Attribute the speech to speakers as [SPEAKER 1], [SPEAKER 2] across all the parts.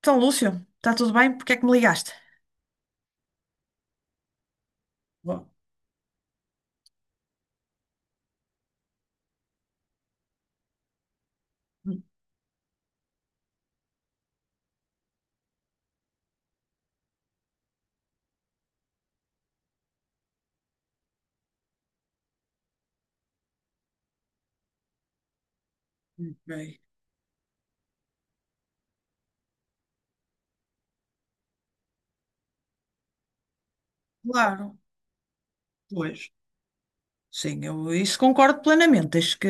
[SPEAKER 1] Então, Lúcio, está tudo bem? Porque é que me ligaste? Bom, ok, claro, pois. Sim, eu isso concordo plenamente.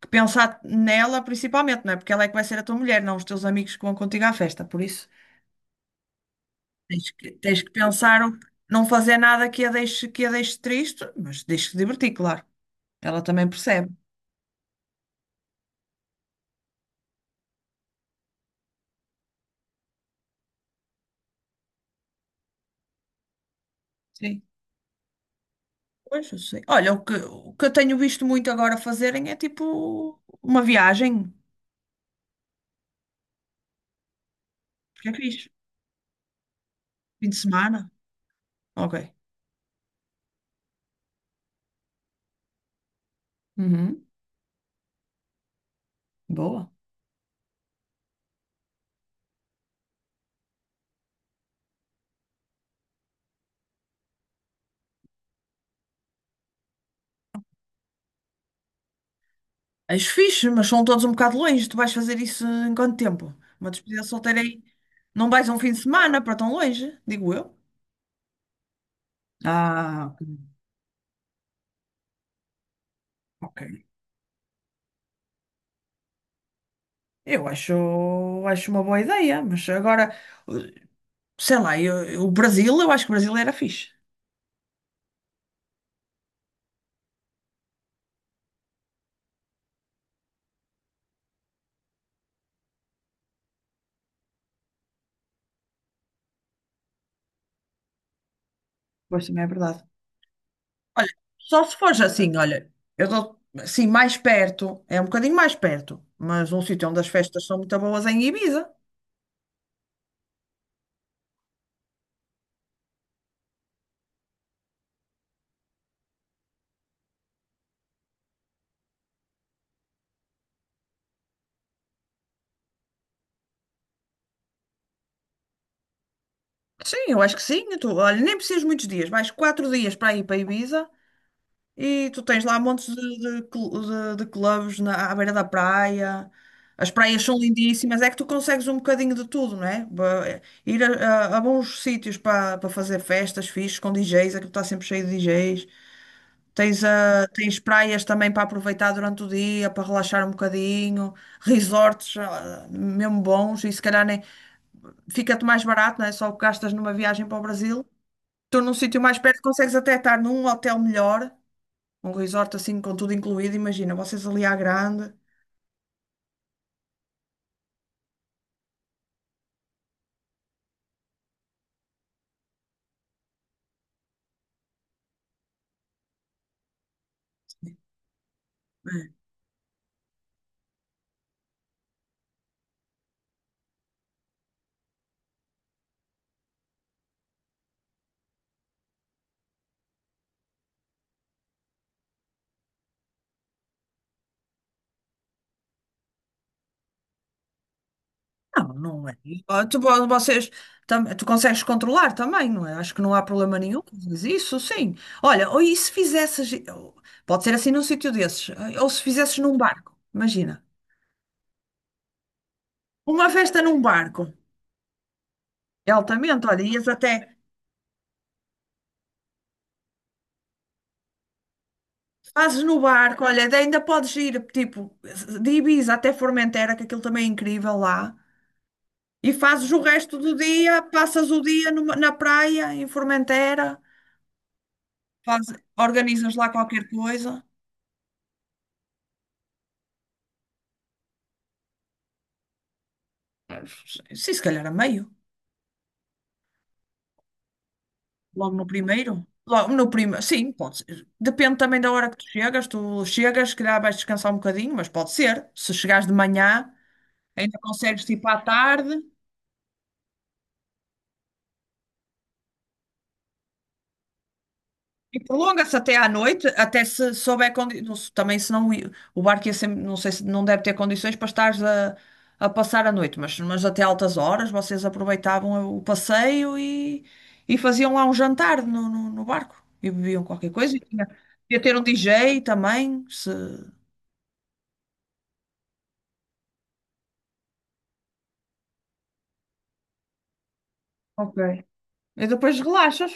[SPEAKER 1] Que pensar nela principalmente, não é? Porque ela é que vai ser a tua mulher, não os teus amigos que vão contigo à festa. Por isso, tens que pensar, não fazer nada que a deixe, que a deixe triste, mas deixe-te divertir, claro. Ela também percebe. Sim. Pois, eu sei. Olha, o que eu tenho visto muito agora fazerem é tipo uma viagem, porque é fixe. Fim de semana. Ok. Uhum. Boa. És fixe, mas são todos um bocado longe. Tu vais fazer isso em quanto tempo? Uma despedida solteira aí. Não vais a um fim de semana para tão longe, digo eu. Ah, ok. Ok. Eu acho, acho uma boa ideia, mas agora, sei lá, o Brasil, eu acho que o Brasil era fixe. Pois também é verdade. Só se fores assim, olha, eu dou assim mais perto, é um bocadinho mais perto, mas um sítio onde as festas são muito boas é em Ibiza. Sim, eu acho que sim. Tu, olha, nem precisas muitos dias, mais 4 dias para ir para Ibiza. E tu tens lá montes de clubes na, à beira da praia. As praias são lindíssimas, é que tu consegues um bocadinho de tudo, não é? Ir a bons sítios para fazer festas fixes com DJs, aquilo está sempre cheio de DJs. Tens praias também para aproveitar durante o dia, para relaxar um bocadinho, resorts, mesmo bons, e se calhar nem fica-te mais barato, não é? Só o que gastas numa viagem para o Brasil. Tu num sítio mais perto consegues até estar num hotel melhor, um resort assim com tudo incluído, imagina, vocês ali à grande. Não, não é. Ah, vocês, tu consegues controlar também, não é? Acho que não há problema nenhum. Mas isso, sim. Olha, ou e se fizesses, pode ser assim num sítio desses, ou se fizesses num barco, imagina. Uma festa num barco, é altamente, olha, ias até, fazes no barco, olha, ainda podes ir, tipo, de Ibiza até Formentera, que aquilo também é incrível lá. E fazes o resto do dia, passas o dia na praia, em Formentera, faz- organizas lá qualquer coisa. Sim, se calhar a meio, logo no primeiro. Logo no primeiro, sim, pode ser. Depende também da hora que tu chegas. Tu chegas, se calhar vais descansar um bocadinho, mas pode ser. Se chegares de manhã, ainda consegues ir para a tarde. E prolonga-se até à noite, até se souber condições. Também se não, o barco ia sempre, não sei se não deve ter condições para estar a passar a noite, mas até altas horas vocês aproveitavam o passeio e faziam lá um jantar no barco e bebiam qualquer coisa. E tinha, podia ter um DJ também, se. Ok. E depois relaxas.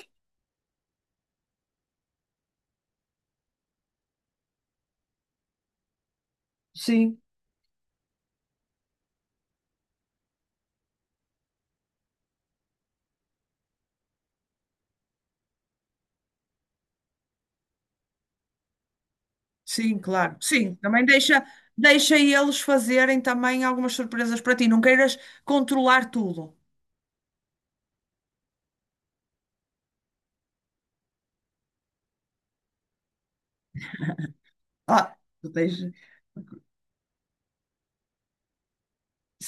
[SPEAKER 1] Sim, sim, claro. Sim, também deixa, deixa eles fazerem também algumas surpresas para ti. Não queiras controlar tudo. Ah, tu tens.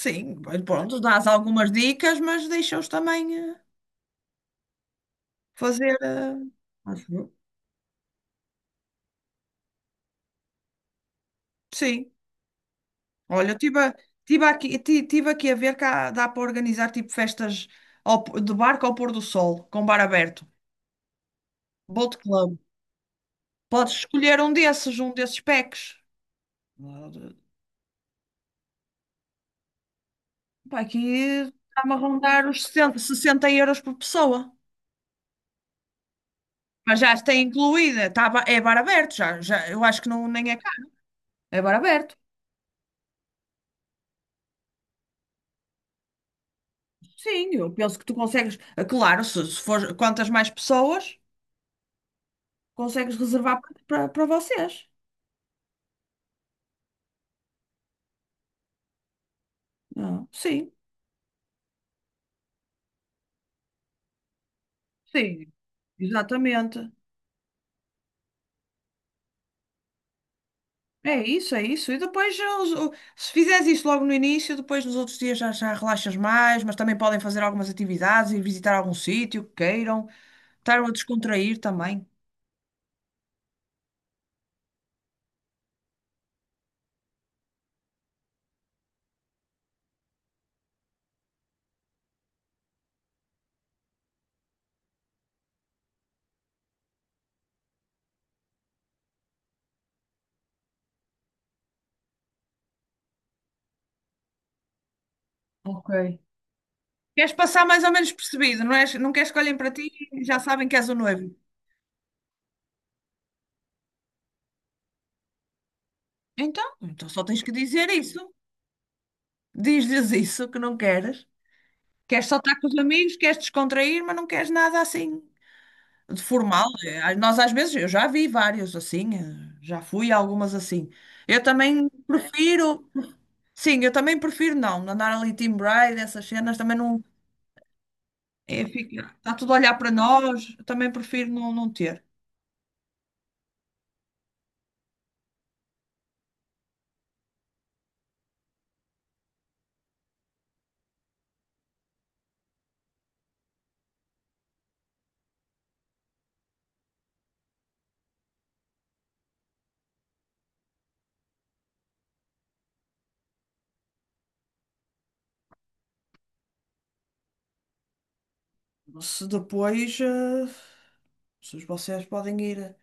[SPEAKER 1] Sim, pois pronto, dás algumas dicas, mas deixa-os também fazer. Acho eu. Sim, olha, tive aqui, tive aqui a ver que dá para organizar tipo festas de barco ao pôr do sol, com bar aberto, boat club. Podes escolher um desses packs. Ah, pá, aqui está-me a rondar os 60, 60 euros por pessoa. Mas já está incluída, tá, é bar aberto, já, já, eu acho que não, nem é caro, é bar aberto. Sim, eu penso que tu consegues. Claro, se for quantas mais pessoas, consegues reservar para vocês. Ah, sim, sim, exatamente. É isso, é isso. E depois, ah, se fizeres isso logo no início, depois nos outros dias já, já relaxas mais, mas também podem fazer algumas atividades, ir visitar algum sítio que queiram, estar a descontrair também. Ok. Queres passar mais ou menos percebido, não és, não queres que olhem para ti e já sabem que és o noivo. Então só tens que dizer isso. Diz-lhes isso que não queres. Queres só estar com os amigos, queres descontrair, mas não queres nada assim de formal. Nós às vezes, eu já vi vários assim, já fui a algumas assim. Eu também prefiro, sim, eu também prefiro não, andar ali team bride, essas cenas também não. É, fica, está tudo a olhar para nós, eu também prefiro não, não ter. Se depois, se vocês podem ir.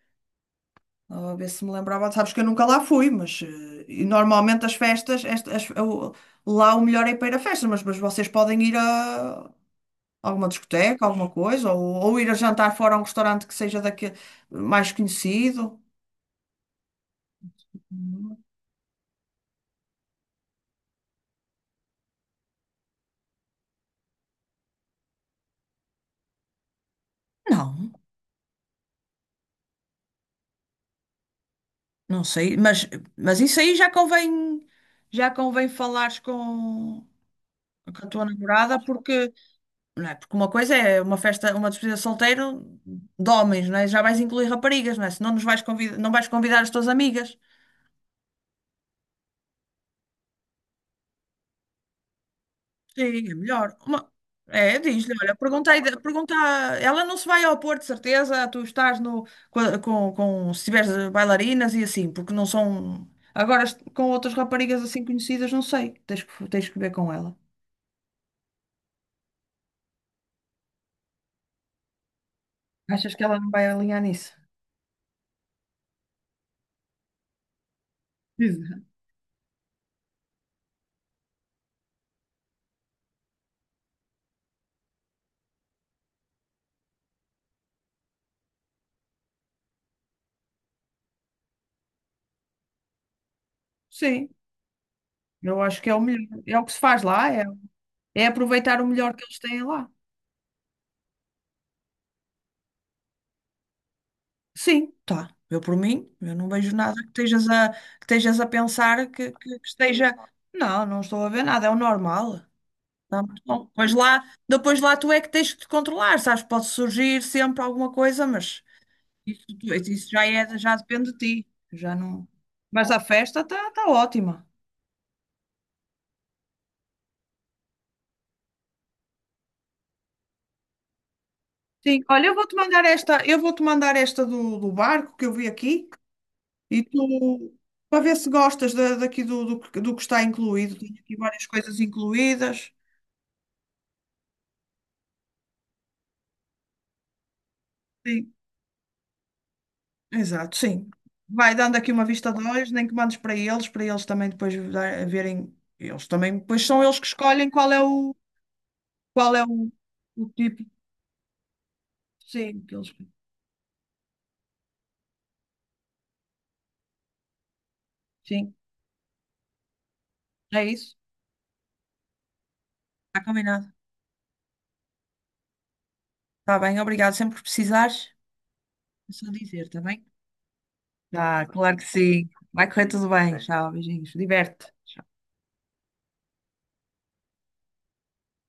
[SPEAKER 1] A ver se me lembrava. Sabes que eu nunca lá fui, mas e normalmente as festas, lá o melhor é ir para ir a festas, mas vocês podem ir a alguma discoteca, alguma coisa, ou ir a jantar fora a um restaurante que seja daqui, mais conhecido. Uhum. Não, não sei, mas isso aí já convém falares com a tua namorada, porque não é? Porque uma coisa é uma festa, uma despedida de solteiro de homens, não é? Já vais incluir raparigas, não é? Senão nos vais convidar, não vais convidar as tuas amigas. Sim, é melhor. Uma- É, diz-lhe, olha, pergunta, pergunta, ela não se vai ao Porto, de certeza, tu estás no, com se tiveres bailarinas e assim, porque não são, com outras raparigas assim conhecidas, não sei, tens que ver com ela. Achas que ela não vai alinhar nisso? Diz. Sim, eu acho que é o melhor, é o que se faz lá, é, é aproveitar o melhor que eles têm lá. Sim, tá. Eu por mim, eu não vejo nada que estejas a, que estejas a pensar que esteja. Não, não estou a ver nada, é o normal. Tá muito bom. Depois lá tu é que tens que te controlar, sabes? Pode surgir sempre alguma coisa, mas isso, isso já é, já depende de ti. Já não. Mas a festa está tá tá ótima. Sim, olha, eu vou-te mandar esta, eu vou-te mandar esta do barco que eu vi aqui e tu para ver se gostas daqui que do que está incluído. Tenho aqui várias coisas incluídas. Sim, exato, sim. Vai dando aqui uma vista de olhos, nem que mandes para eles também depois verem. Eles também, depois são eles que escolhem qual é o, o tipo. Sim, que eles, sim, é isso. Está combinado. Está bem, obrigado. Sempre que precisares, é só dizer, está bem? Tá, claro que sim. Vai correr tudo bem. Tchau, beijinhos. Diverte.